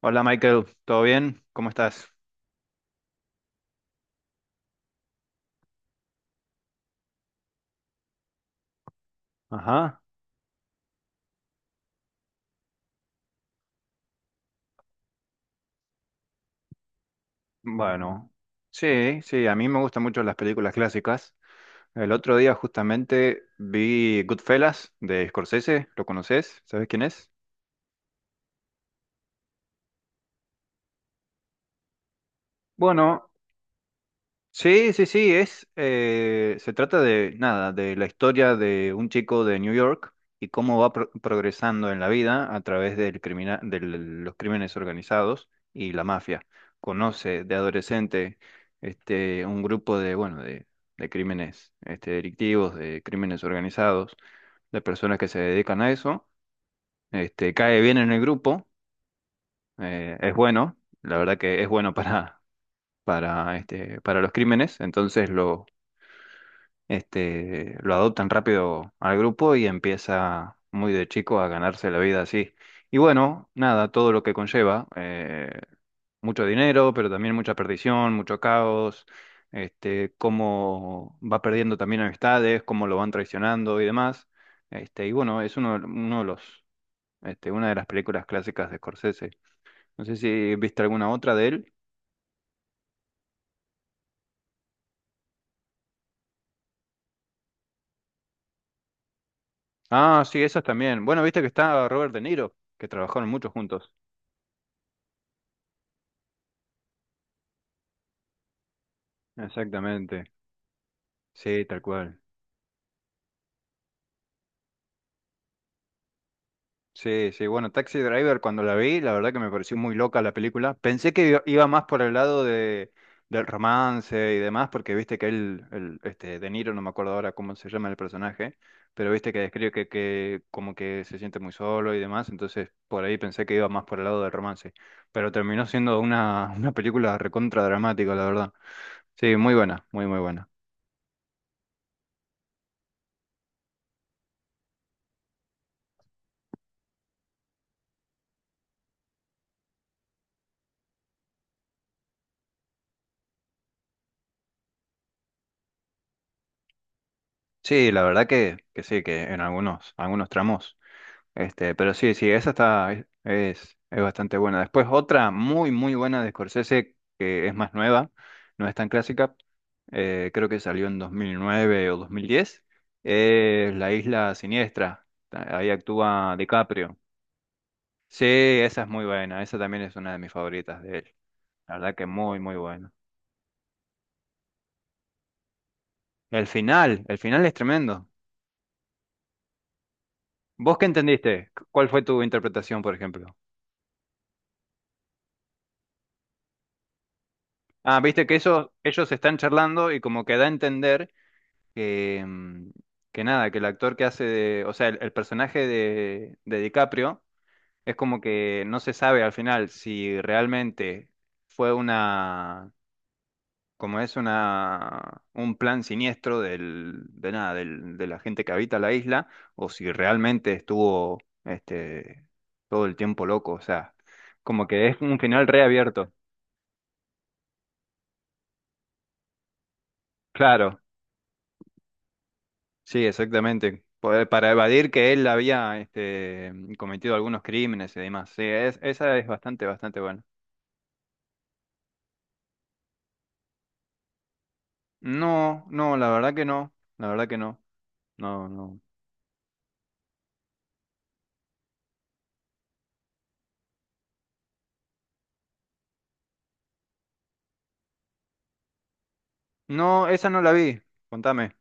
Hola, Michael, ¿todo bien? ¿Cómo estás? Ajá. Bueno, sí, sí, a mí me gustan mucho las películas clásicas. El otro día justamente vi Goodfellas de Scorsese, ¿lo conoces? ¿Sabes quién es? Bueno, sí, sí, sí, es, se trata de nada, de la historia de un chico de New York y cómo va progresando en la vida a través del de los crímenes organizados y la mafia. Conoce de adolescente este, un grupo de, bueno, de crímenes este, delictivos, de crímenes organizados, de personas que se dedican a eso. Este, cae bien en el grupo, es bueno, la verdad que es bueno para, este, para los crímenes, entonces lo este, lo adoptan rápido al grupo y empieza muy de chico a ganarse la vida así. Y bueno, nada, todo lo que conlleva, mucho dinero, pero también mucha perdición, mucho caos, este, cómo va perdiendo también amistades, cómo lo van traicionando y demás. Este, y bueno, es uno, uno de los, este, una de las películas clásicas de Scorsese. No sé si viste alguna otra de él. Ah, sí, esas también. Bueno, viste que está Robert De Niro, que trabajaron mucho juntos. Exactamente. Sí, tal cual. Sí, sí. Bueno, Taxi Driver, cuando la vi, la verdad que me pareció muy loca la película. Pensé que iba más por el lado de, del romance y demás, porque viste que él, el, este, De Niro, no me acuerdo ahora cómo se llama el personaje, pero viste que describe que como que se siente muy solo y demás, entonces por ahí pensé que iba más por el lado del romance. Pero terminó siendo una, una película recontra dramática, la verdad. Sí, muy buena, muy, muy buena. Sí, la verdad que sí, que en algunos, algunos tramos. Este, pero sí, sí, esa está, es bastante buena. Después otra muy, muy buena de Scorsese, que es más nueva, no es tan clásica, creo que salió en 2009 o 2010, es La Isla Siniestra. Ahí actúa DiCaprio. Sí, esa es muy buena, esa también es una de mis favoritas de él. La verdad que muy, muy buena. El final es tremendo. ¿Vos qué entendiste? ¿Cuál fue tu interpretación, por ejemplo? Ah, viste que eso, ellos están charlando y como que da a entender que, que nada, que el actor que hace de, o sea, el personaje de DiCaprio es como que no se sabe al final si realmente fue una, como es una, un plan siniestro del, de nada, del, de la gente que habita la isla, o si realmente estuvo, este, todo el tiempo loco, o sea, como que es un final reabierto. Claro. Sí, exactamente. Para evadir que él había este, cometido algunos crímenes y demás. Sí, esa es bastante, bastante buena. No, no, la verdad que no. La verdad que no. No, no. No, esa no la vi. Contame.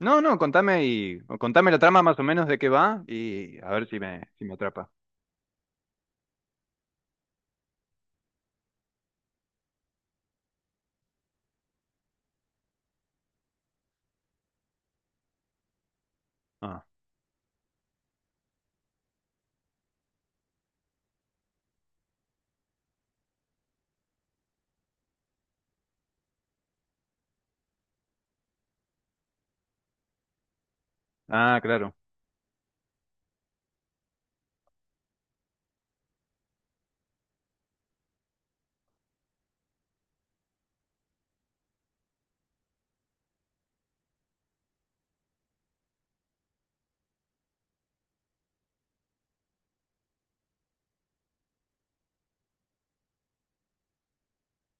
No, no, contame y o contame la trama más o menos de qué va y a ver si me, si me atrapa. Ah, ah, claro.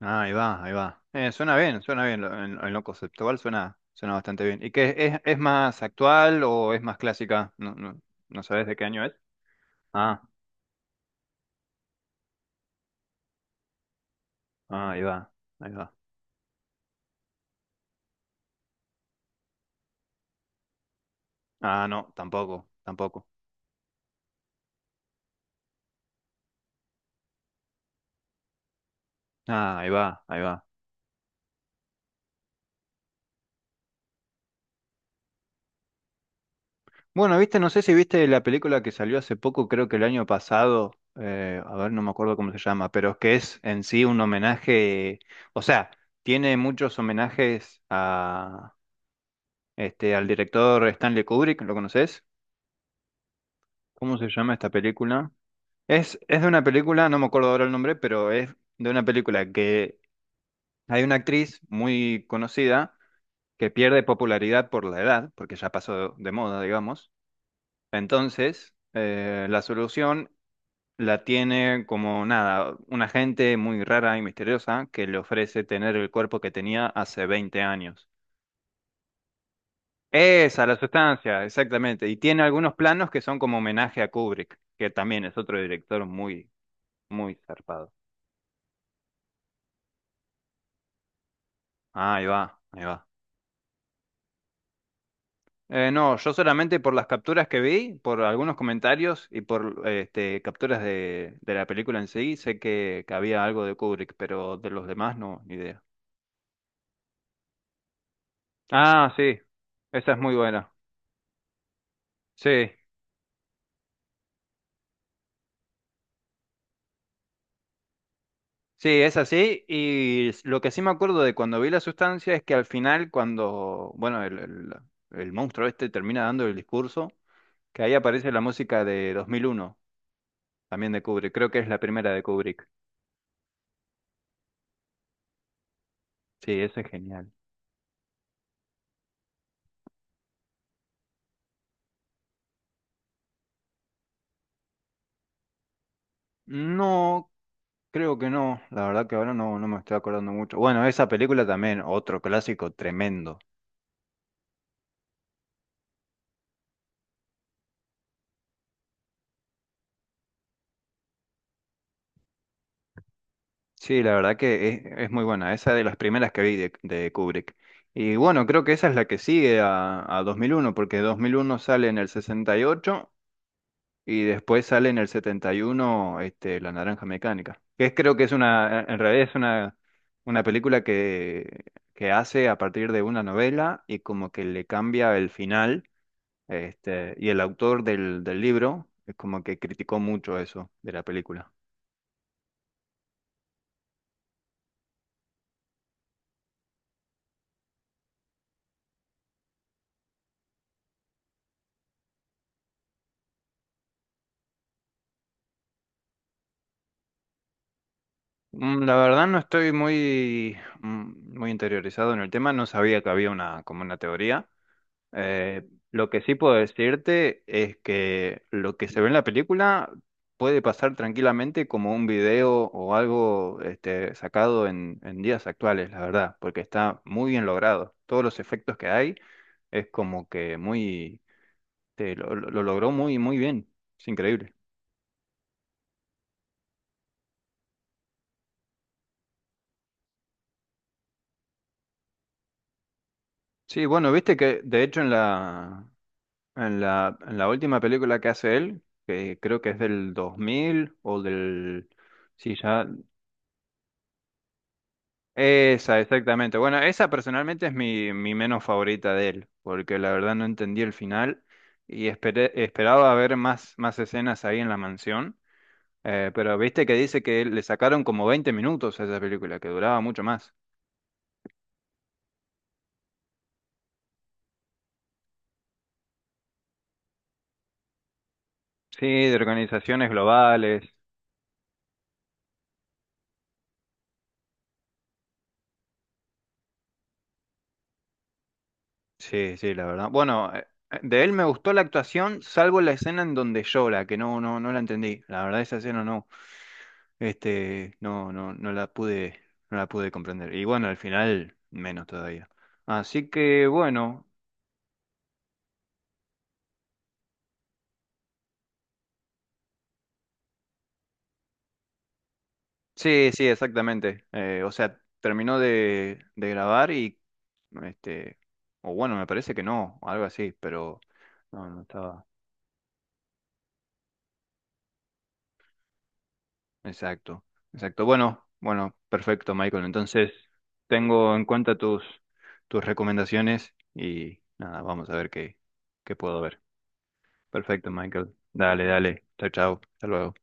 Ah, ahí va, ahí va. Suena bien, suena bien. En lo conceptual suena, suena bastante bien. ¿Y qué es más actual o es más clásica? No, no, no sabes de qué año es. Ah. Ah, ahí va, ahí va. Ah, no, tampoco, tampoco. Ah, ahí va, ahí va. Bueno, viste, no sé si viste la película que salió hace poco, creo que el año pasado, a ver, no me acuerdo cómo se llama, pero es que es en sí un homenaje, o sea, tiene muchos homenajes a este al director Stanley Kubrick, ¿lo conoces? ¿Cómo se llama esta película? Es de una película, no me acuerdo ahora el nombre, pero es de una película que hay una actriz muy conocida que pierde popularidad por la edad, porque ya pasó de moda, digamos. Entonces, la solución la tiene como nada, una gente muy rara y misteriosa que le ofrece tener el cuerpo que tenía hace 20 años. Esa, la sustancia, exactamente. Y tiene algunos planos que son como homenaje a Kubrick, que también es otro director muy, muy zarpado. Ahí va, ahí va. No, yo solamente por las capturas que vi, por algunos comentarios y por este, capturas de la película en sí, sé que había algo de Kubrick, pero de los demás no, ni idea. Ah, sí, esa es muy buena. Sí, sí, es así. Y lo que sí me acuerdo de cuando vi la sustancia es que al final, cuando, bueno, el monstruo este termina dando el discurso, que ahí aparece la música de 2001, también de Kubrick. Creo que es la primera de Kubrick. Sí, esa es genial. No. Creo que no, la verdad que ahora no, no me estoy acordando mucho. Bueno, esa película también, otro clásico tremendo. Sí, la verdad que es muy buena, esa de las primeras que vi de Kubrick. Y bueno, creo que esa es la que sigue a 2001, porque 2001 sale en el sesenta y ocho y después sale en el 71 este, La Naranja Mecánica. Que es, creo que es una, en realidad es una película que hace a partir de una novela y como que le cambia el final. Este, y el autor del, del libro es como que criticó mucho eso de la película. La verdad no estoy muy, muy interiorizado en el tema, no sabía que había una, como una teoría. Eh, lo que sí puedo decirte es que lo que se ve en la película puede pasar tranquilamente como un video o algo este, sacado en días actuales, la verdad, porque está muy bien logrado. Todos los efectos que hay es como que muy... Sí, lo, lo logró muy, muy bien. Es increíble. Sí, bueno, viste que de hecho en la, en la, en la última película que hace él, que creo que es del 2000 o del... Sí, ya... Esa, exactamente. Bueno, esa personalmente es mi, mi menos favorita de él, porque la verdad no entendí el final y esperaba ver más, más escenas ahí en la mansión, pero viste que dice que le sacaron como 20 minutos a esa película, que duraba mucho más. Sí, de organizaciones globales. Sí, sí, la verdad. Bueno, de él me gustó la actuación, salvo la escena en donde llora, que no, no, no la entendí. La verdad, esa escena no, este, no, no, no la pude, no la pude comprender. Y bueno, al final, menos todavía. Así que bueno, sí, sí, exactamente. O sea, terminó de grabar y, este, o bueno, me parece que no, algo así, pero no, no estaba. Exacto, exacto. Bueno, bueno, perfecto, Michael. Entonces, tengo en cuenta tus, tus recomendaciones y nada, vamos a ver qué, qué puedo ver. Perfecto, Michael. Dale, dale. Chao, chao. Hasta luego.